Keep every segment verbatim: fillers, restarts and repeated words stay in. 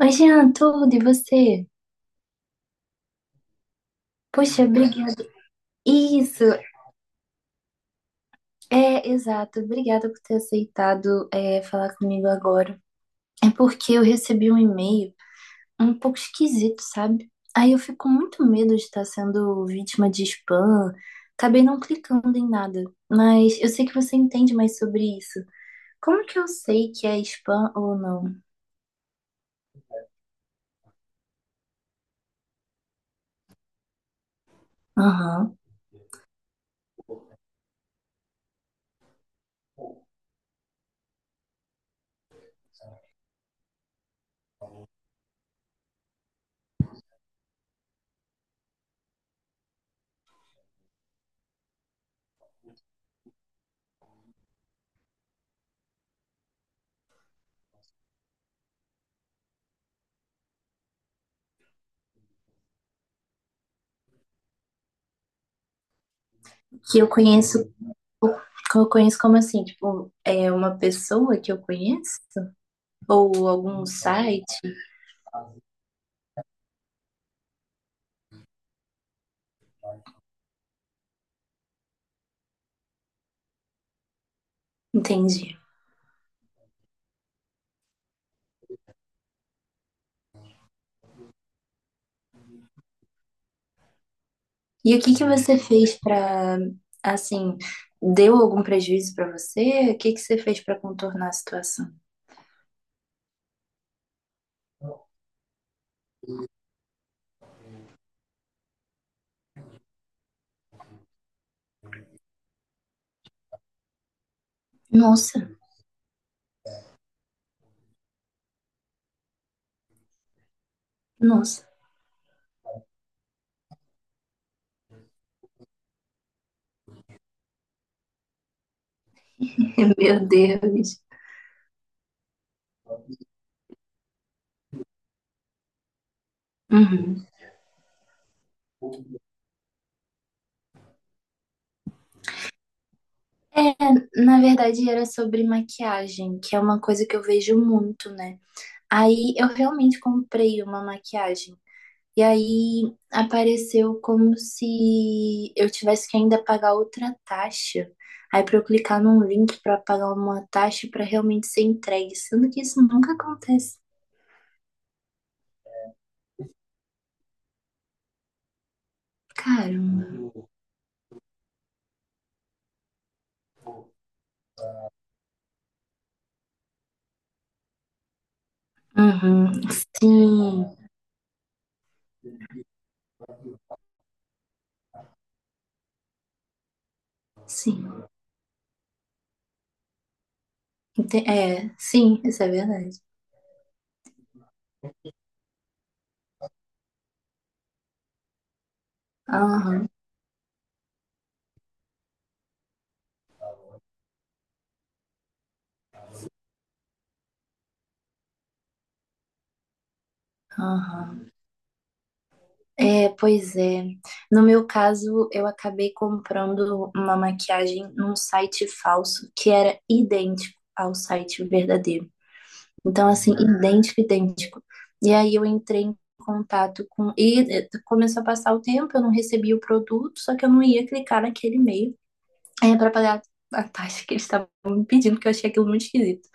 Oi, Jean, tudo e você? Poxa, obrigada. Isso, é exato. Obrigada por ter aceitado é, falar comigo agora. É porque eu recebi um e-mail um pouco esquisito, sabe? Aí eu fico com muito medo de estar sendo vítima de spam. Acabei não clicando em nada, mas eu sei que você entende mais sobre isso. Como que eu sei que é spam ou não? Aham. Que eu conheço, que eu conheço como assim? Tipo, é uma pessoa que eu conheço? Ou algum site? Entendi. E o que que você fez para, assim, deu algum prejuízo para você? O que que você fez para contornar a situação? Nossa, nossa, meu Deus. Uhum. É, na verdade era sobre maquiagem, que é uma coisa que eu vejo muito, né? Aí eu realmente comprei uma maquiagem. E aí apareceu como se eu tivesse que ainda pagar outra taxa. Aí para eu clicar num link para pagar uma taxa para realmente ser entregue, sendo que isso nunca acontece. Caramba. Uhum. Sim, sim. Ente- É, sim, isso é verdade. Aham, aham. É, pois é. No meu caso, eu acabei comprando uma maquiagem num site falso que era idêntico ao site verdadeiro. Então, assim, idêntico, idêntico. E aí eu entrei em contato com. E eh, começou a passar o tempo, eu não recebia o produto, só que eu não ia clicar naquele e-mail para pagar a taxa que eles estavam me pedindo, porque eu achei aquilo muito esquisito.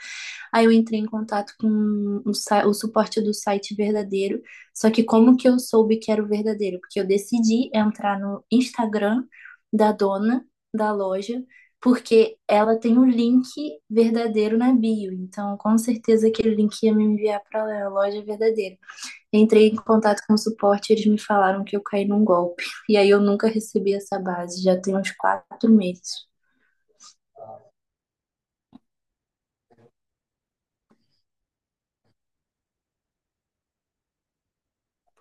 Aí eu entrei em contato com o, sa- o suporte do site verdadeiro. Só que como que eu soube que era o verdadeiro? Porque eu decidi entrar no Instagram da dona da loja, porque ela tem um link verdadeiro na bio. Então, com certeza aquele link ia me enviar para a loja verdadeira. Entrei em contato com o suporte, eles me falaram que eu caí num golpe. E aí eu nunca recebi essa base, já tem uns quatro meses.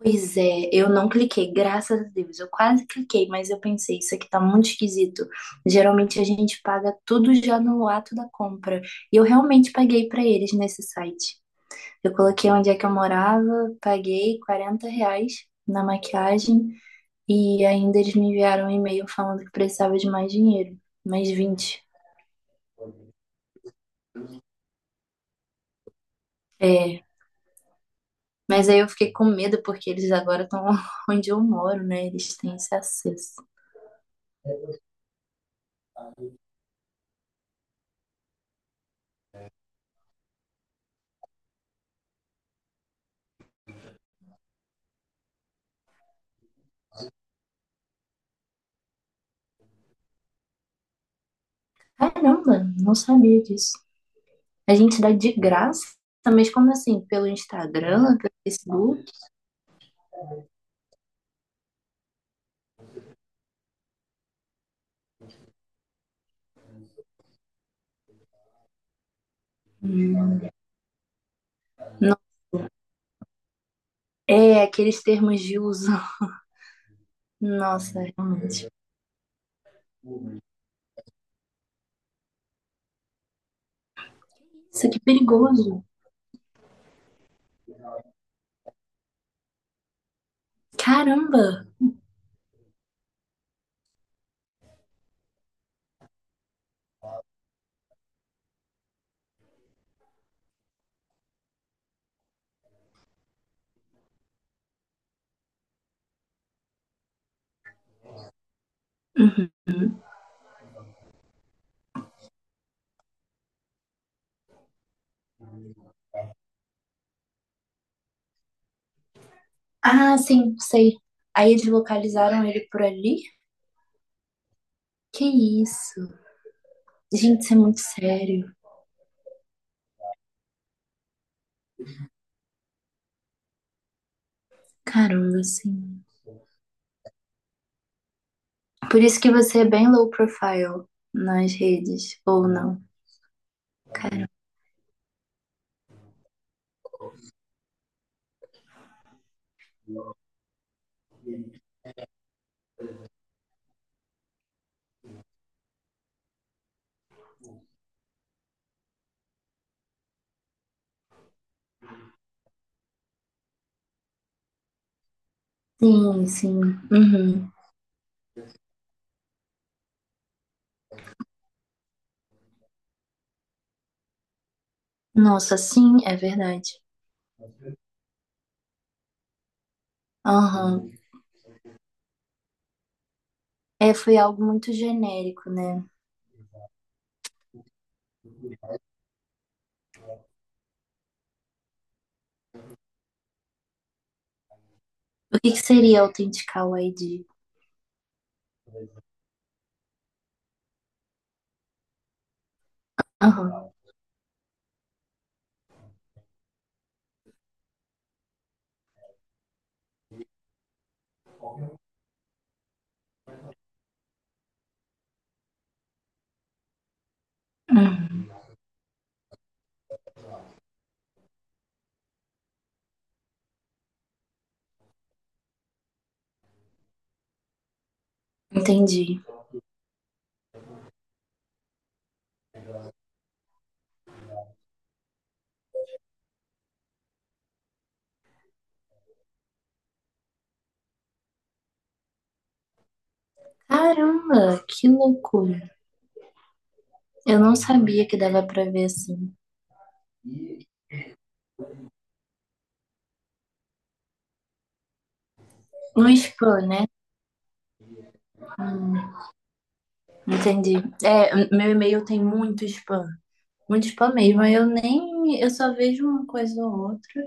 Pois é, eu não cliquei, graças a Deus. Eu quase cliquei, mas eu pensei, isso aqui tá muito esquisito. Geralmente a gente paga tudo já no ato da compra. E eu realmente paguei pra eles nesse site. Eu coloquei onde é que eu morava, paguei quarenta reais na maquiagem e ainda eles me enviaram um e-mail falando que precisava de mais dinheiro, mais vinte. É, mas aí eu fiquei com medo porque eles agora estão onde eu moro, né? Eles têm esse acesso. Caramba, não sabia disso. A gente dá de graça, mas como assim? Pelo Instagram, pelo Facebook? Não- É, aqueles termos de uso. Nossa, realmente. Isso que perigoso. Caramba! Uhum. Ah, sim, sei. Aí eles localizaram ele por ali? Que isso? Gente, isso é muito sério. Caramba, sim. Por isso que você é bem low profile nas redes, ou não? Caramba. Sim, sim. Uhum. Nossa, sim, é verdade. Aham. É, foi algo muito genérico, né? O que que seria autenticar o I D? Aham, uhum, entendi. Caramba, que loucura. Eu não sabia que dava pra ver assim. No spam, né? Hum, entendi. É, meu e-mail tem muito spam. Muito spam mesmo. Aí eu nem. Eu só vejo uma coisa ou outra.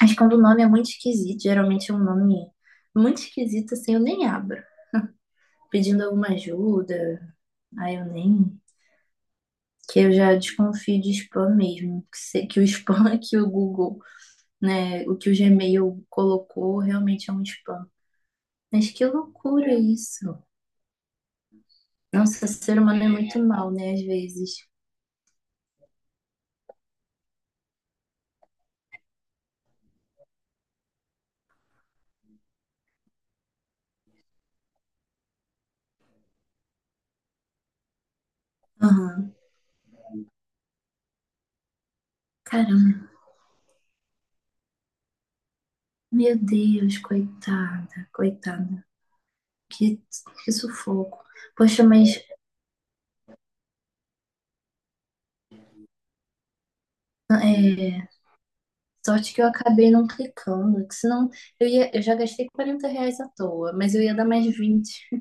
Mas quando o nome é muito esquisito, geralmente é um nome muito esquisito, assim, eu nem abro. Pedindo alguma ajuda, aí eu nem. Que eu já desconfio de spam mesmo, que, se- que o spam que o Google, né, o que o Gmail colocou realmente é um spam. Mas que loucura isso. Nossa, ser humano é muito mal, né, às vezes. Aham. Caramba, meu Deus, coitada, coitada. Que, que sufoco. Poxa, mas é, sorte que eu acabei não clicando, que senão eu ia, eu já gastei quarenta reais à toa, mas eu ia dar mais vinte